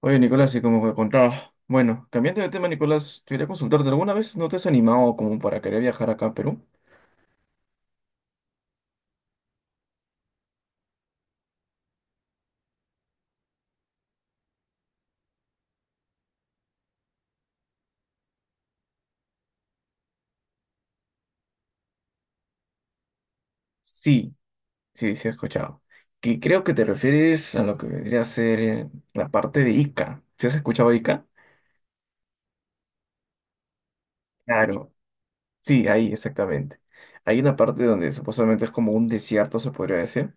Oye, Nicolás, y como que contaba, bueno, cambiando de tema, Nicolás, quería consultarte, ¿alguna vez no te has animado como para querer viajar acá a Perú? Sí, sí, sí, he escuchado. Que creo que te refieres a lo que vendría a ser la parte de Ica. ¿Sí has escuchado Ica? Claro, sí, ahí, exactamente. Hay una parte donde supuestamente es como un desierto, se podría decir.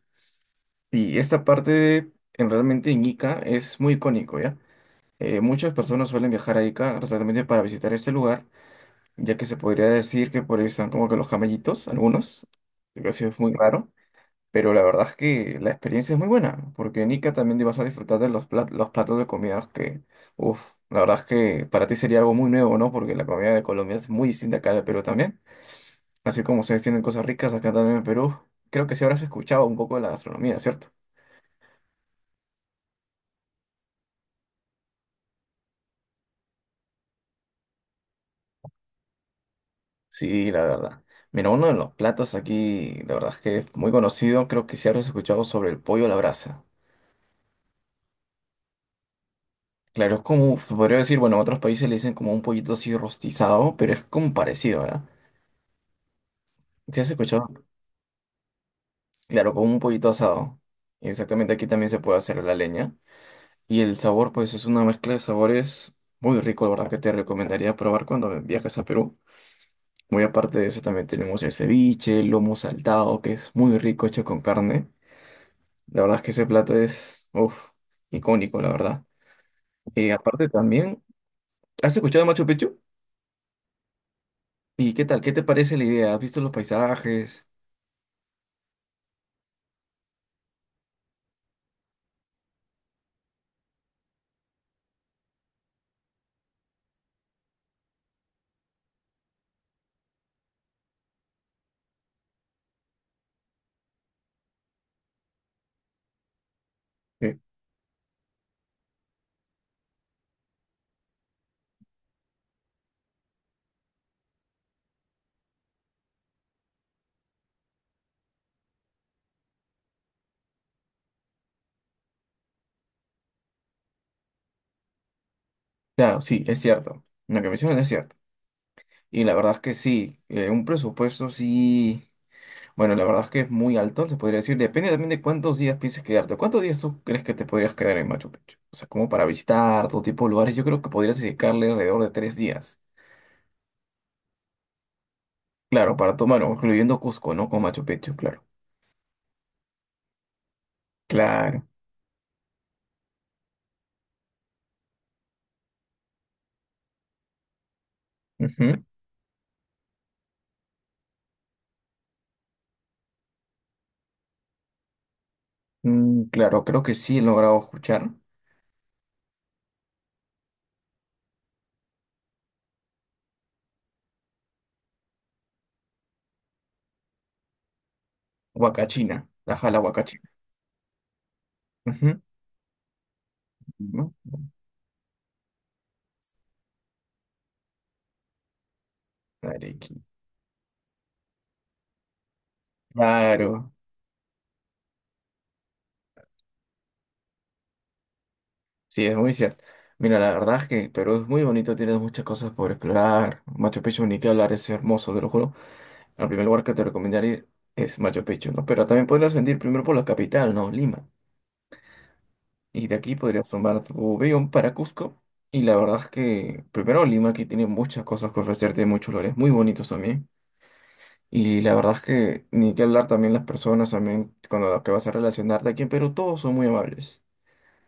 Y esta parte, realmente en Ica, es muy icónico, ¿ya? Muchas personas suelen viajar a Ica, exactamente para visitar este lugar ya que se podría decir que por ahí están como que los camellitos, algunos, lo que sí es muy raro, pero la verdad es que la experiencia es muy buena, porque en Ica también te vas a disfrutar de los platos de comidas que, uff, la verdad es que para ti sería algo muy nuevo, ¿no? Porque la comida de Colombia es muy distinta acá de Perú también, así como ustedes tienen cosas ricas acá también en Perú, creo que sí habrás escuchado un poco de la gastronomía, ¿cierto? Sí, la verdad. Mira, uno de los platos aquí, la verdad es que es muy conocido, creo que sí habrás escuchado sobre el pollo a la brasa. Claro, es como, se podría decir, bueno, en otros países le dicen como un pollito así rostizado, pero es como parecido, ¿verdad? ¿Sí has escuchado? Claro, como un pollito asado. Exactamente, aquí también se puede hacer a la leña. Y el sabor, pues es una mezcla de sabores muy rico, la verdad que te recomendaría probar cuando viajes a Perú. Muy aparte de eso, también tenemos el ceviche, el lomo saltado, que es muy rico, hecho con carne. La verdad es que ese plato es, uff, icónico, la verdad. Y aparte también, ¿has escuchado Machu Picchu? ¿Y qué tal? ¿Qué te parece la idea? ¿Has visto los paisajes? Eh, claro, sí, es cierto. Lo que mencionan es cierto. Y la verdad es que sí, un presupuesto sí, bueno, la verdad es que es muy alto, se podría decir. Depende también de cuántos días pienses quedarte. ¿Cuántos días tú crees que te podrías quedar en Machu Picchu? O sea, como para visitar todo tipo de lugares, yo creo que podrías dedicarle alrededor de 3 días. Claro, para tomar, incluyendo Cusco, ¿no? Con Machu Picchu, claro. Claro. Ujú. Mm, claro, creo que sí he logrado escuchar. Huacachina, la jala Huacachina. Ujú. ¿No? Arequipa. Claro. Sí, es muy cierto. Mira, la verdad es que Perú es muy bonito, tienes muchas cosas por explorar. Machu Picchu, ni que hablar, es hermoso, te lo juro. El primer lugar que te recomendaría es Machu Picchu, ¿no? Pero también podrías venir primero por la capital, ¿no? Lima. Y de aquí podrías tomar tu avión para Cusco. Y la verdad es que primero Lima aquí tiene muchas cosas que ofrecerte, muchos lugares muy bonitos también. Y la verdad es que ni que hablar también las personas, también con las que vas a relacionarte aquí en Perú, todos son muy amables.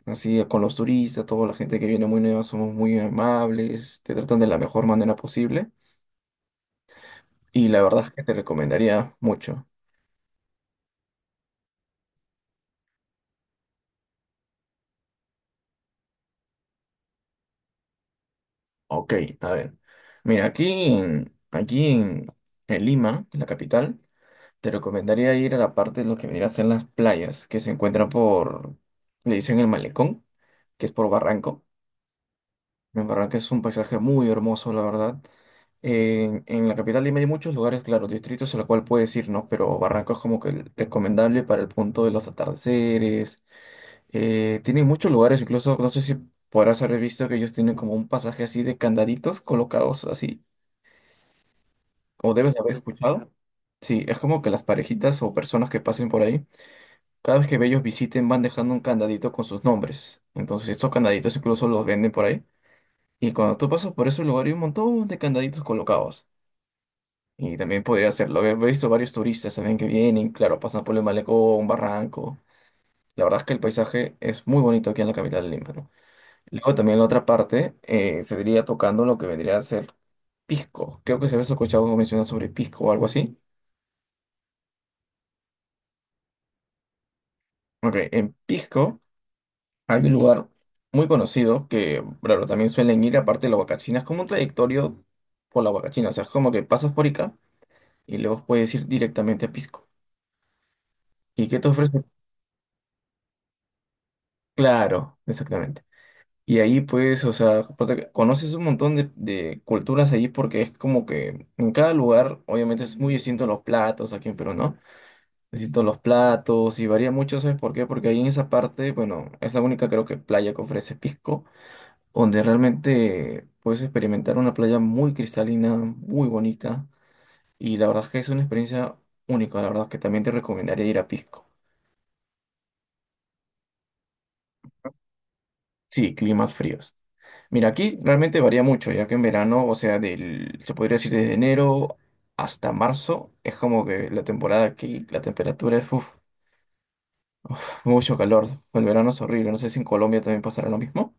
Así con los turistas, toda la gente que viene muy nueva, somos muy amables, te tratan de la mejor manera posible y la verdad es que te recomendaría mucho. Ok, a ver. Mira, en, aquí en, en Lima, en la capital, te recomendaría ir a la parte de lo que vendría a ser las playas, que se encuentran por, le dicen el malecón, que es por Barranco. En verdad que es un paisaje muy hermoso, la verdad. En la capital Lima hay muchos lugares, claro, distritos a los cual puedes ir, ¿no? Pero Barranco es como que el recomendable para el punto de los atardeceres. Tienen muchos lugares, incluso, no sé si podrás haber visto que ellos tienen como un pasaje así de candaditos colocados así, o debes haber escuchado. Sí, es como que las parejitas o personas que pasen por ahí, cada vez que ellos visiten van dejando un candadito con sus nombres. Entonces, estos candaditos incluso los venden por ahí. Y cuando tú pasas por ese lugar hay un montón de candaditos colocados. Y también podría hacerlo. He visto varios turistas también que vienen, claro, pasan por el malecón, un barranco. La verdad es que el paisaje es muy bonito aquí en la capital de Lima, ¿no? Luego también la otra parte se diría tocando lo que vendría a ser Pisco. Creo que se había escuchado mencionar sobre Pisco o algo así. Ok, en Pisco hay un lugar muy conocido que, claro, también suelen ir aparte de la Huacachina. Es como un trayectorio por la Huacachina. O sea, es como que pasas por Ica y luego puedes ir directamente a Pisco. ¿Y qué te ofrece? Claro, exactamente. Y ahí pues, o sea, aparte, conoces un montón de, culturas allí porque es como que en cada lugar, obviamente es muy distinto los platos, aquí en Perú, ¿no? Distintos los platos y varía mucho, ¿sabes por qué? Porque ahí en esa parte, bueno, es la única creo que playa que ofrece Pisco, donde realmente puedes experimentar una playa muy cristalina, muy bonita y la verdad es que es una experiencia única, la verdad es que también te recomendaría ir a Pisco. Sí, climas fríos. Mira, aquí realmente varía mucho, ya que en verano, o sea, se podría decir desde enero hasta marzo, es como que la temporada aquí, la temperatura es uf, uf, mucho calor. El verano es horrible. No sé si en Colombia también pasará lo mismo,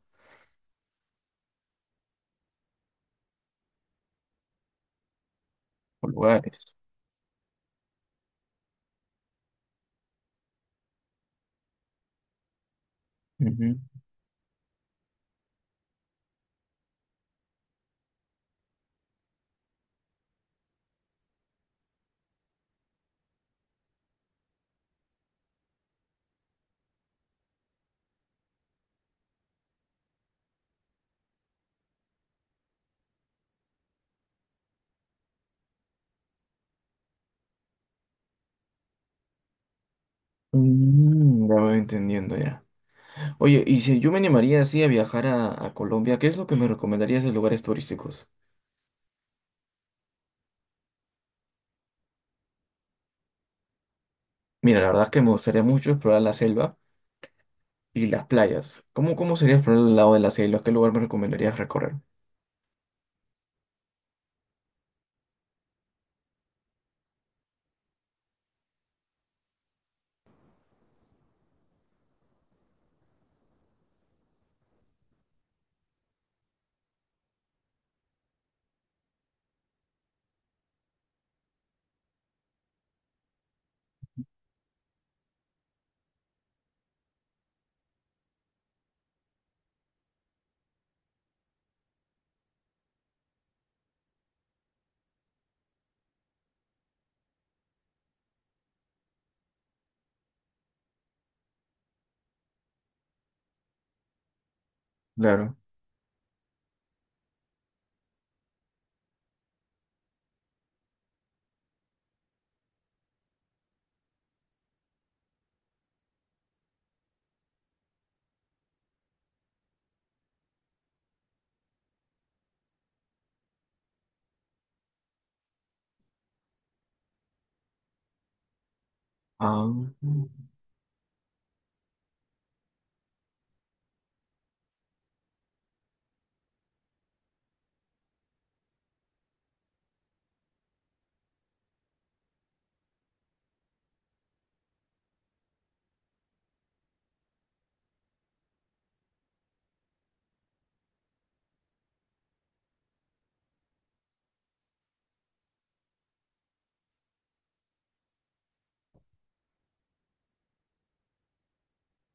por lugares. Ujú. Mm, ya voy entendiendo ya. Oye, y si yo me animaría así a viajar a Colombia, ¿qué es lo que me recomendarías de lugares turísticos? Mira, la verdad es que me gustaría mucho explorar la selva y las playas. ¿Cómo, cómo sería explorar el lado de la selva? ¿Qué lugar me recomendarías recorrer? Claro. Ah,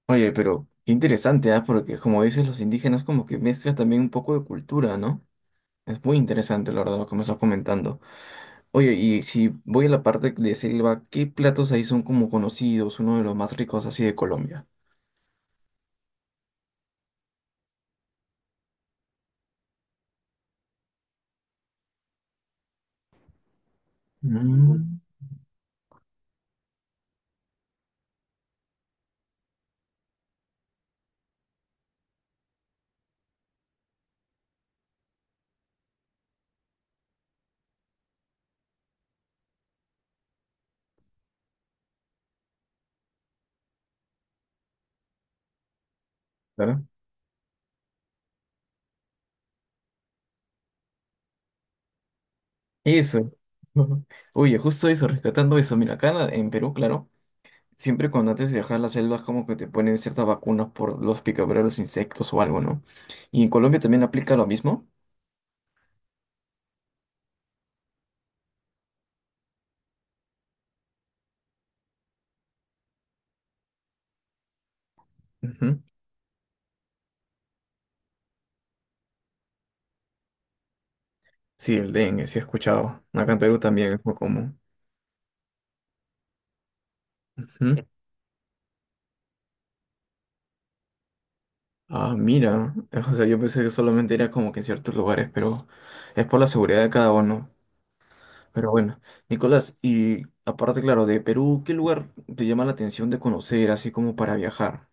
oye, pero qué interesante, ¿ah? Porque como dices, los indígenas como que mezclan también un poco de cultura, ¿no? Es muy interesante, la verdad, como estás comentando. Oye, y si voy a la parte de selva, ¿qué platos ahí son como conocidos, uno de los más ricos así de Colombia? Mm, claro. Eso. Oye, justo eso, rescatando eso. Mira, acá en Perú, claro, siempre cuando antes de viajar a las selvas como que te ponen ciertas vacunas por los picaduras de los insectos o algo, ¿no? Y en Colombia también aplica lo mismo. Sí, el dengue, sí he escuchado. Acá en Perú también es muy común. Ujú. Sí. Ah, mira. O sea, yo pensé que solamente era como que en ciertos lugares, pero es por la seguridad de cada uno. Pero bueno, Nicolás, y aparte, claro, de Perú, ¿qué lugar te llama la atención de conocer, así como para viajar?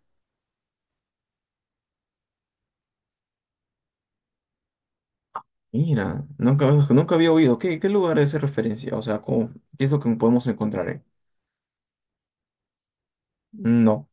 Mira, nunca había oído. Qué lugar es de referencia? O sea, ¿cómo- ¿qué es lo que podemos encontrar? ¿Eh? No.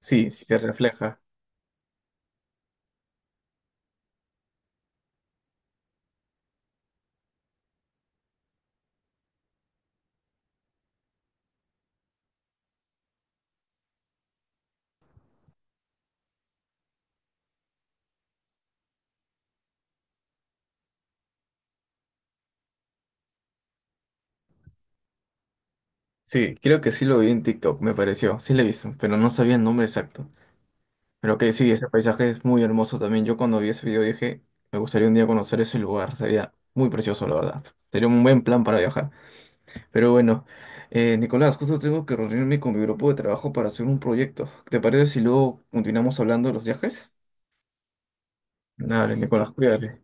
Sí, sí se refleja. Sí, creo que sí lo vi en TikTok, me pareció. Sí lo he visto, pero no sabía el nombre exacto. Pero que sí, ese paisaje es muy hermoso también. Yo cuando vi ese video dije, me gustaría un día conocer ese lugar. Sería muy precioso, la verdad. Sería un buen plan para viajar. Pero bueno, Nicolás, justo tengo que reunirme con mi grupo de trabajo para hacer un proyecto. ¿Te parece si luego continuamos hablando de los viajes? Dale, Nicolás, cuídate.